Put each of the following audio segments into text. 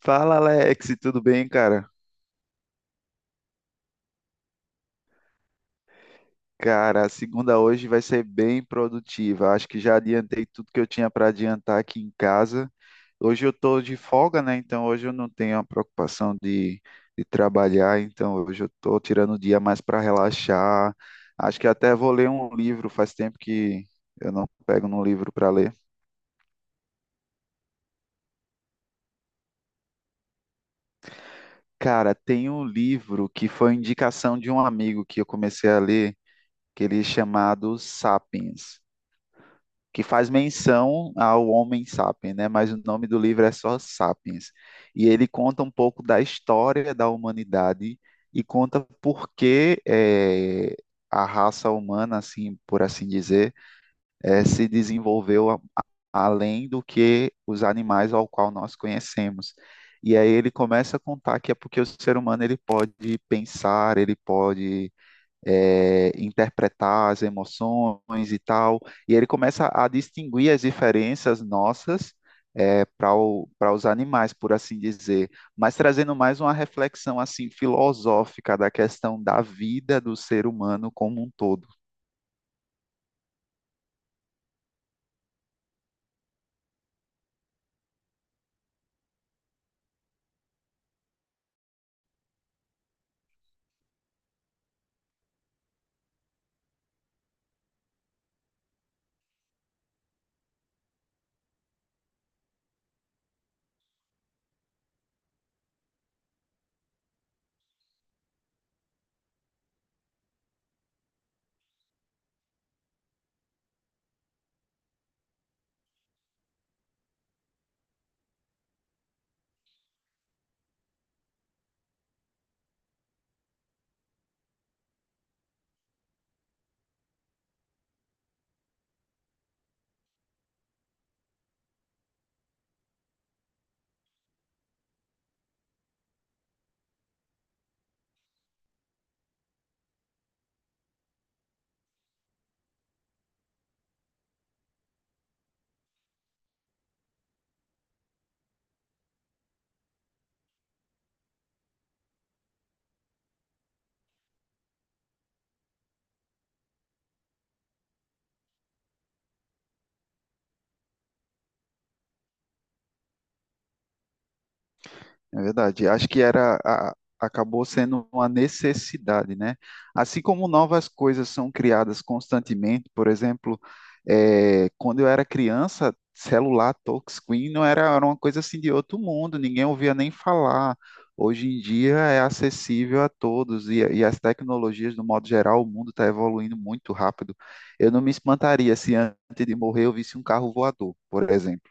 Fala, Alex, tudo bem, cara? Cara, a segunda hoje vai ser bem produtiva. Acho que já adiantei tudo que eu tinha para adiantar aqui em casa. Hoje eu tô de folga, né? Então hoje eu não tenho a preocupação de trabalhar. Então hoje eu tô tirando o dia mais para relaxar. Acho que até vou ler um livro. Faz tempo que eu não pego num livro para ler. Cara, tem um livro que foi indicação de um amigo que eu comecei a ler, que ele é chamado Sapiens, que faz menção ao homem sapiens, né? Mas o nome do livro é só Sapiens. E ele conta um pouco da história da humanidade e conta por que a raça humana, assim, por assim dizer, se além do que os animais ao qual nós conhecemos. E aí ele começa a contar que é porque o ser humano ele pode pensar, ele pode interpretar as emoções e tal. E ele começa a distinguir as diferenças nossas, para para os animais, por assim dizer, mas trazendo mais uma reflexão assim filosófica da questão da vida do ser humano como um todo. É verdade. Acho que acabou sendo uma necessidade, né? Assim como novas coisas são criadas constantemente, por exemplo, quando eu era criança, celular touchscreen não era, era uma coisa assim de outro mundo, ninguém ouvia nem falar. Hoje em dia é acessível a todos e as tecnologias, no modo geral, o mundo está evoluindo muito rápido. Eu não me espantaria se antes de morrer eu visse um carro voador, por exemplo.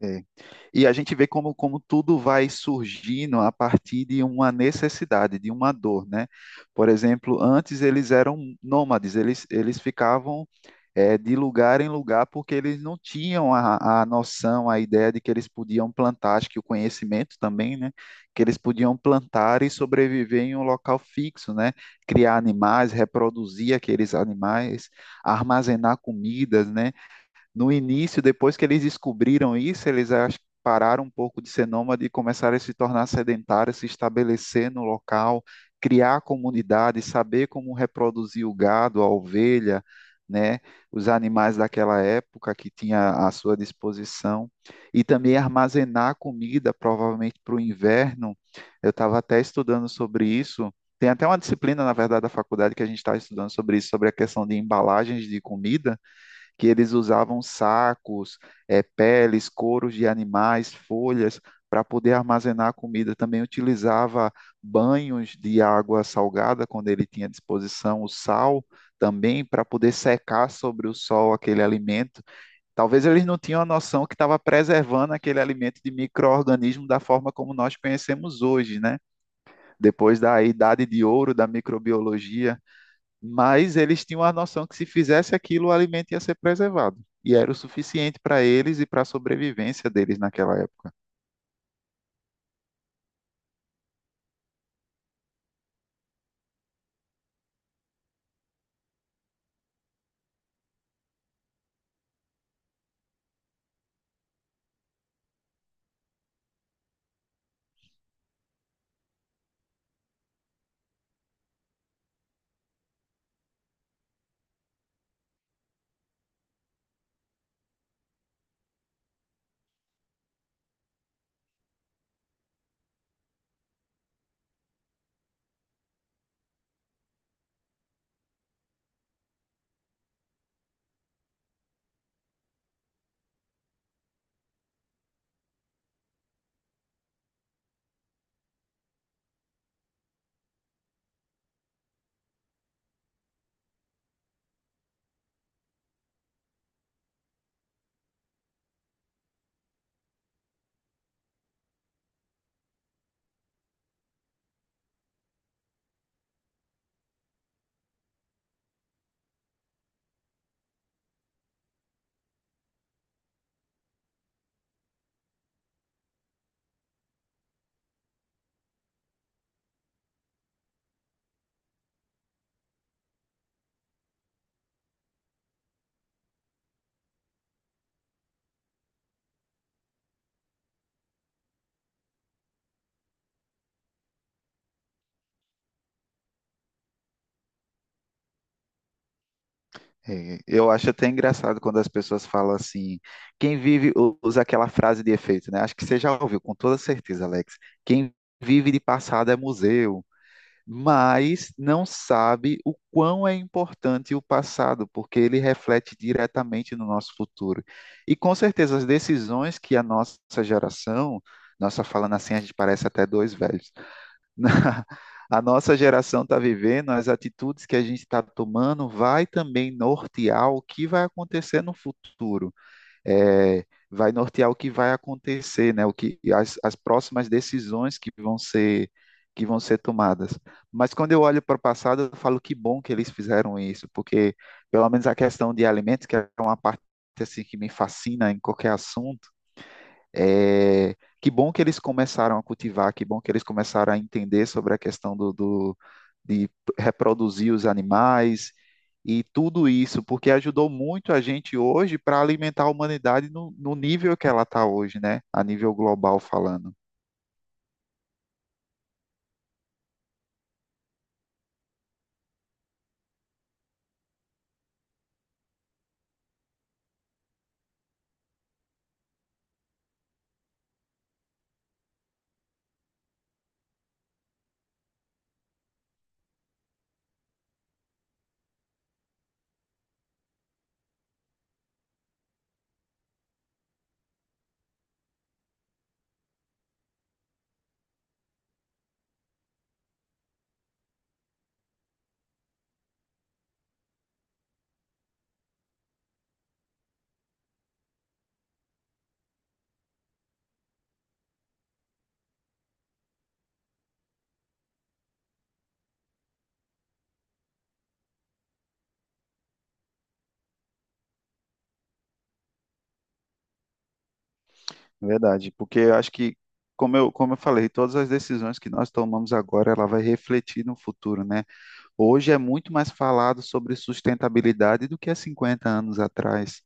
É, E a gente vê como tudo vai surgindo a partir de uma necessidade, de uma dor, né? Por exemplo, antes eles eram nômades, eles ficavam, de lugar em lugar porque eles não tinham a noção, a ideia de que eles podiam plantar, acho que o conhecimento também, né? Que eles podiam plantar e sobreviver em um local fixo, né? Criar animais, reproduzir aqueles animais, armazenar comidas, né? No início, depois que eles descobriram isso, eles acho que pararam um pouco de ser nômade e começaram a se tornar sedentários, se estabelecer no local, criar comunidade, saber como reproduzir o gado, a ovelha, né, os animais daquela época que tinha à sua disposição, e também armazenar comida, provavelmente para o inverno. Eu estava até estudando sobre isso. Tem até uma disciplina, na verdade, da faculdade que a gente está estudando sobre isso, sobre a questão de embalagens de comida que eles usavam sacos, peles, couros de animais, folhas, para poder armazenar a comida. Também utilizava banhos de água salgada, quando ele tinha à disposição o sal, também para poder secar sobre o sol aquele alimento. Talvez eles não tinham a noção que estava preservando aquele alimento de micro-organismo da forma como nós conhecemos hoje, né? Depois da idade de ouro da microbiologia, mas eles tinham a noção que se fizesse aquilo, o alimento ia ser preservado. E era o suficiente para eles e para a sobrevivência deles naquela época. É, Eu acho até engraçado quando as pessoas falam assim, quem vive usa aquela frase de efeito, né? Acho que você já ouviu, com toda certeza, Alex. Quem vive de passado é museu, mas não sabe o quão é importante o passado, porque ele reflete diretamente no nosso futuro. E com certeza as decisões que a nossa geração, nossa falando assim, a gente parece até dois velhos, a nossa geração está vivendo, as atitudes que a gente está tomando, vai também nortear o que vai acontecer no futuro, vai nortear o que vai acontecer, né? O que as próximas decisões que vão ser tomadas. Mas quando eu olho para o passado, eu falo que bom que eles fizeram isso, porque pelo menos a questão de alimentos, que é uma parte assim que me fascina em qualquer assunto, é, que bom que eles começaram a cultivar, que bom que eles começaram a entender sobre a questão de reproduzir os animais e tudo isso, porque ajudou muito a gente hoje para alimentar a humanidade no nível que ela está hoje, né? A nível global falando. Verdade, porque eu acho que, como eu falei, todas as decisões que nós tomamos agora, ela vai refletir no futuro, né? Hoje é muito mais falado sobre sustentabilidade do que há 50 anos atrás,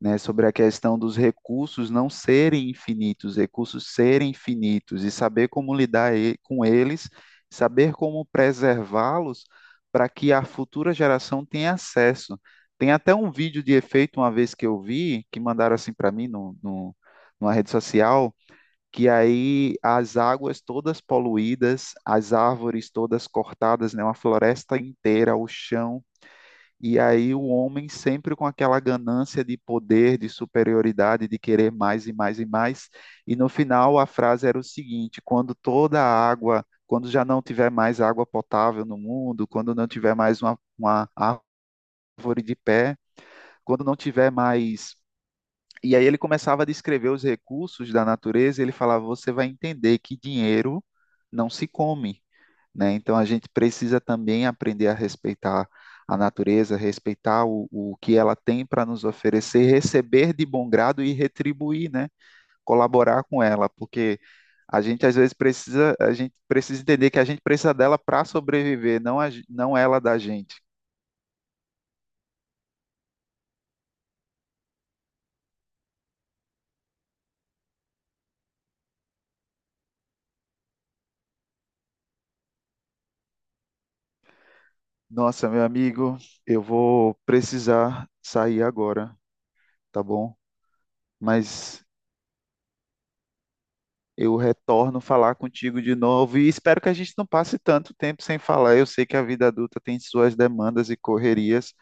né, sobre a questão dos recursos não serem infinitos, recursos serem finitos, e saber como lidar com eles, saber como preservá-los para que a futura geração tenha acesso. Tem até um vídeo de efeito, uma vez que eu vi, que mandaram assim para mim no, no, numa rede social, que aí as águas todas poluídas, as árvores todas cortadas, né, uma floresta inteira, o chão, e aí o homem sempre com aquela ganância de poder, de superioridade, de querer mais e mais e mais. E no final a frase era o seguinte: quando toda a água, quando já não tiver mais água potável no mundo, quando não tiver mais uma árvore de pé, quando não tiver mais, e aí ele começava a descrever os recursos da natureza, e ele falava, você vai entender que dinheiro não se come, né? Então a gente precisa também aprender a respeitar a natureza, respeitar o que ela tem para nos oferecer, receber de bom grado e retribuir, né? Colaborar com ela, porque a gente às vezes precisa, a gente precisa entender que a gente precisa dela para sobreviver, não, a, não ela da gente. Nossa, meu amigo, eu vou precisar sair agora, tá bom? Mas eu retorno falar contigo de novo e espero que a gente não passe tanto tempo sem falar. Eu sei que a vida adulta tem suas demandas e correrias,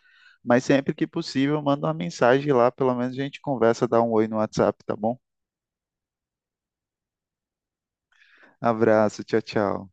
mas sempre que possível, manda uma mensagem lá, pelo menos a gente conversa, dá um oi no WhatsApp, tá bom? Abraço, tchau, tchau.